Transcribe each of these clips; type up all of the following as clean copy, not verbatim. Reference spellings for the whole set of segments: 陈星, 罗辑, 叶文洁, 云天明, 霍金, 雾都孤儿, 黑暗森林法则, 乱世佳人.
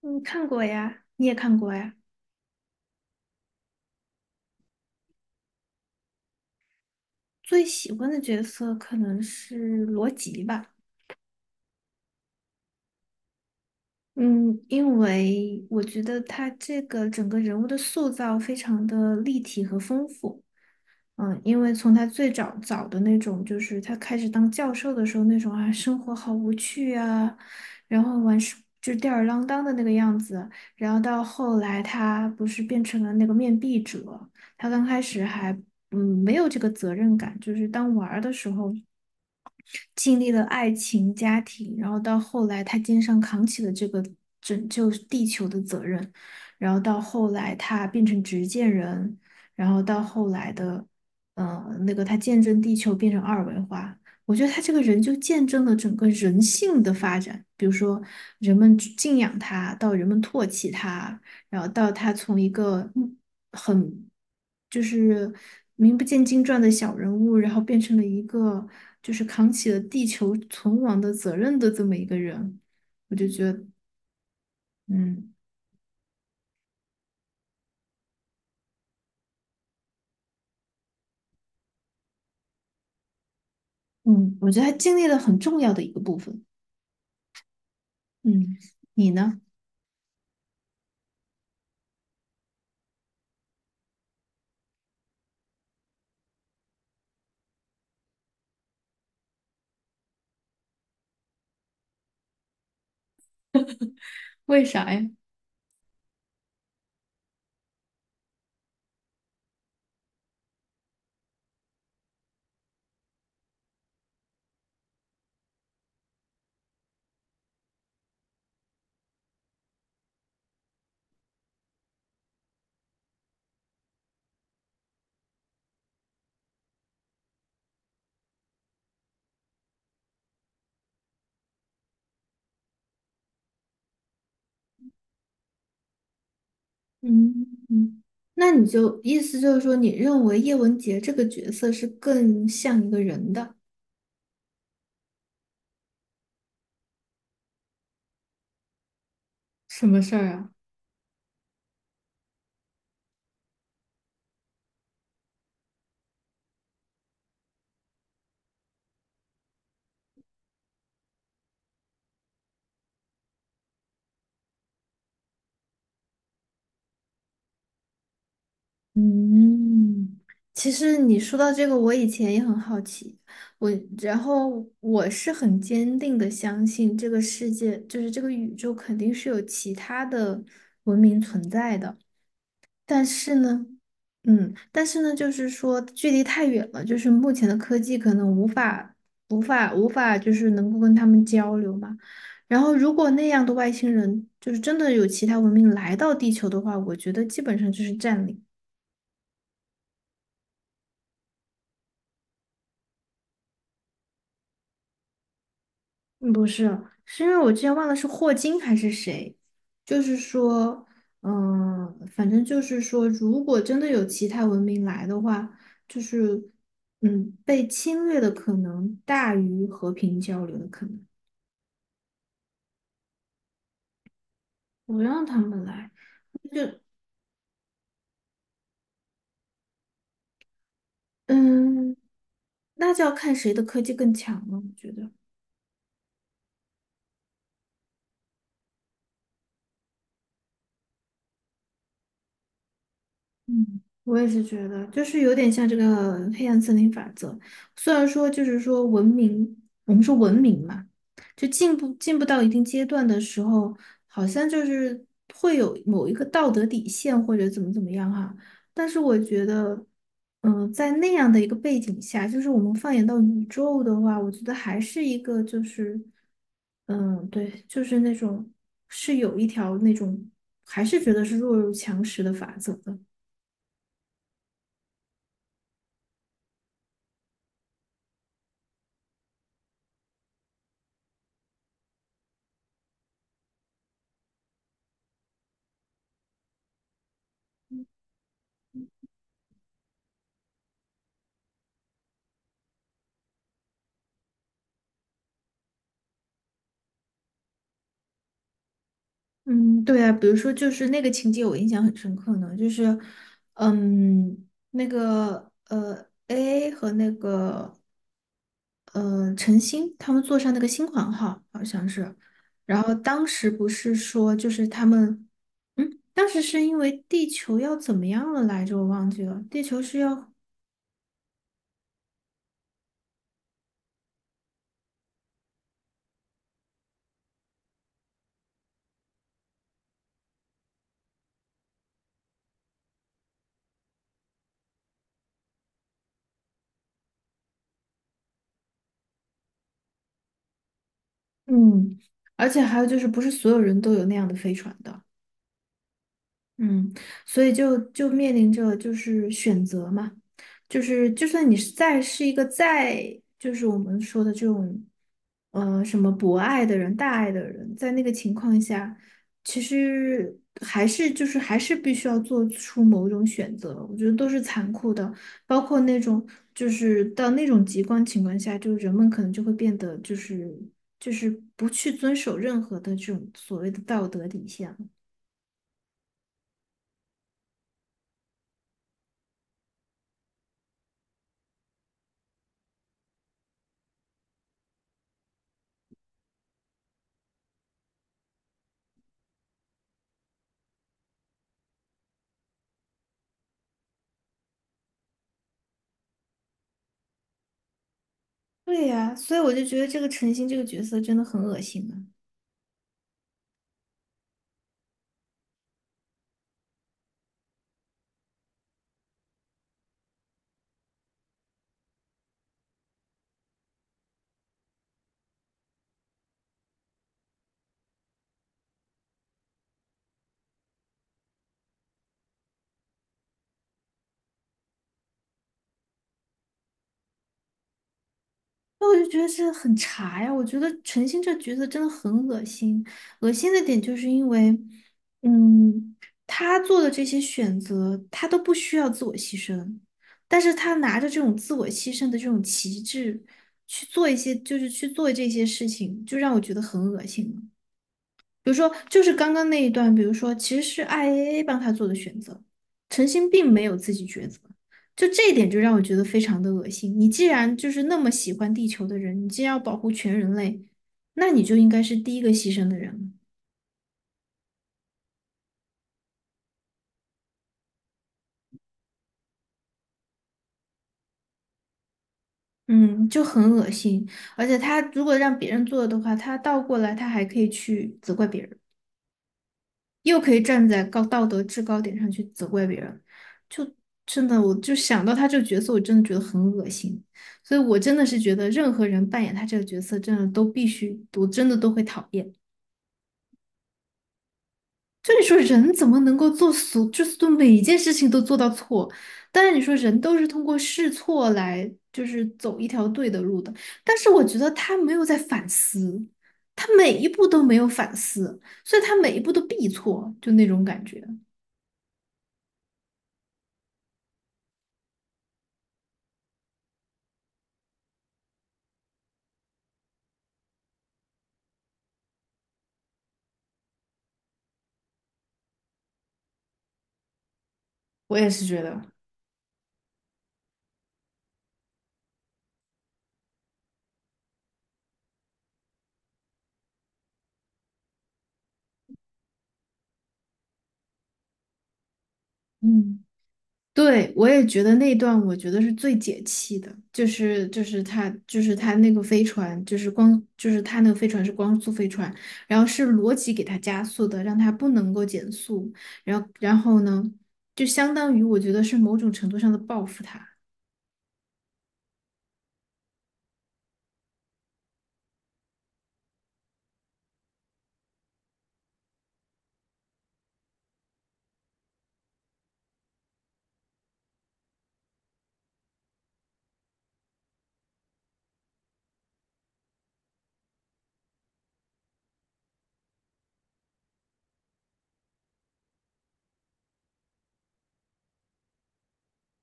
嗯，看过呀，你也看过呀。最喜欢的角色可能是罗辑吧，嗯，因为我觉得他这个整个人物的塑造非常的立体和丰富。因为从他最早的那种，就是他开始当教授的时候那种啊，生活好无趣啊，然后完事就吊儿郎当的那个样子，然后到后来他不是变成了那个面壁者，他刚开始还没有这个责任感，就是当玩儿的时候经历了爱情、家庭，然后到后来他肩上扛起了这个拯救地球的责任，然后到后来他变成执剑人，然后到后来的，那个他见证地球变成二维化。我觉得他这个人就见证了整个人性的发展，比如说人们敬仰他，到人们唾弃他，然后到他从一个很就是名不见经传的小人物，然后变成了一个就是扛起了地球存亡的责任的这么一个人，我就觉得，嗯嗯，我觉得他经历了很重要的一个部分。嗯，你呢？为啥呀？嗯嗯，那你就意思就是说，你认为叶文洁这个角色是更像一个人的？什么事儿啊？嗯，其实你说到这个，我以前也很好奇，我然后我是很坚定的相信这个世界，就是这个宇宙肯定是有其他的文明存在的，但是呢，但是呢，就是说距离太远了，就是目前的科技可能无法就是能够跟他们交流嘛。然后，如果那样的外星人就是真的有其他文明来到地球的话，我觉得基本上就是占领。嗯不是，是因为我之前忘了是霍金还是谁，就是说，反正就是说，如果真的有其他文明来的话，就是，被侵略的可能大于和平交流的可能，不让他们来，就，嗯，那就要看谁的科技更强了，我觉得。嗯，我也是觉得，就是有点像这个黑暗森林法则。虽然说，就是说文明，我们说文明嘛，就进步进步到一定阶段的时候，好像就是会有某一个道德底线或者怎么怎么样哈。但是我觉得，在那样的一个背景下，就是我们放眼到宇宙的话，我觉得还是一个就是，嗯，对，就是那种是有一条那种，还是觉得是弱肉强食的法则的。嗯，对啊，比如说就是那个情节我印象很深刻呢，就是，那个AA 和那个陈星他们坐上那个新款号，好像是，然后当时不是说就是他们，当时是因为地球要怎么样了来着，我忘记了，地球是要，嗯，而且还有就是不是所有人都有那样的飞船的。嗯，所以就面临着就是选择嘛，就是就算你是再是一个再就是我们说的这种，什么博爱的人、大爱的人，在那个情况下，其实还是就是还是必须要做出某种选择，我觉得都是残酷的，包括那种就是到那种极端情况下，就是人们可能就会变得就是不去遵守任何的这种所谓的道德底线了。对呀，所以我就觉得这个陈星这个角色真的很恶心啊！那我就觉得这很茶呀，我觉得陈星这角色真的很恶心。恶心的点就是因为，嗯，他做的这些选择，他都不需要自我牺牲，但是他拿着这种自我牺牲的这种旗帜去做一些，就是去做这些事情，就让我觉得很恶心了。比如说，就是刚刚那一段，比如说，其实是 IAA 帮他做的选择，陈星并没有自己抉择，就这一点就让我觉得非常的恶心。你既然就是那么喜欢地球的人，你既然要保护全人类，那你就应该是第一个牺牲的人。嗯，就很恶心。而且他如果让别人做的话，他倒过来他还可以去责怪别人。又可以站在高道德制高点上去责怪别人，就真的，我就想到他这个角色，我真的觉得很恶心。所以我真的是觉得，任何人扮演他这个角色，真的都必须，我真的都会讨厌。就你说人怎么能够做所，就是做每一件事情都做到错？当然你说人都是通过试错来，就是走一条对的路的。但是我觉得他没有在反思，他每一步都没有反思，所以他每一步都必错，就那种感觉。我也是觉得。嗯，对，我也觉得那段我觉得是最解气的，就是他那个飞船，就是光就是他那个飞船是光速飞船，然后是罗辑给他加速的，让他不能够减速，然后呢，就相当于我觉得是某种程度上的报复他。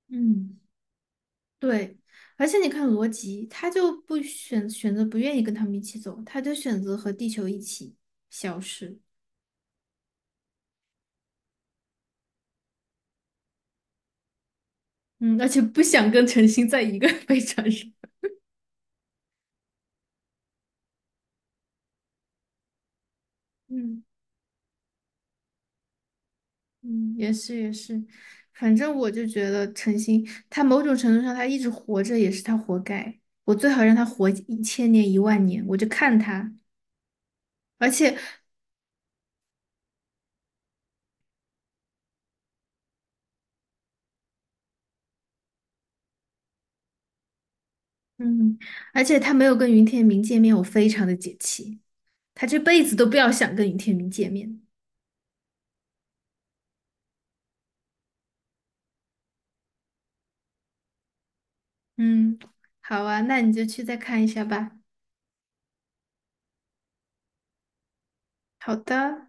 嗯，对，而且你看罗辑，他就不选择不愿意跟他们一起走，他就选择和地球一起消失，嗯，而且不想跟陈星在一个 飞船上。嗯。嗯，也是也是，反正我就觉得陈星，他某种程度上他一直活着也是他活该。我最好让他活1000年10000年，我就看他。而且，嗯，而且他没有跟云天明见面，我非常的解气。他这辈子都不要想跟云天明见面。嗯，好啊，那你就去再看一下吧。好的。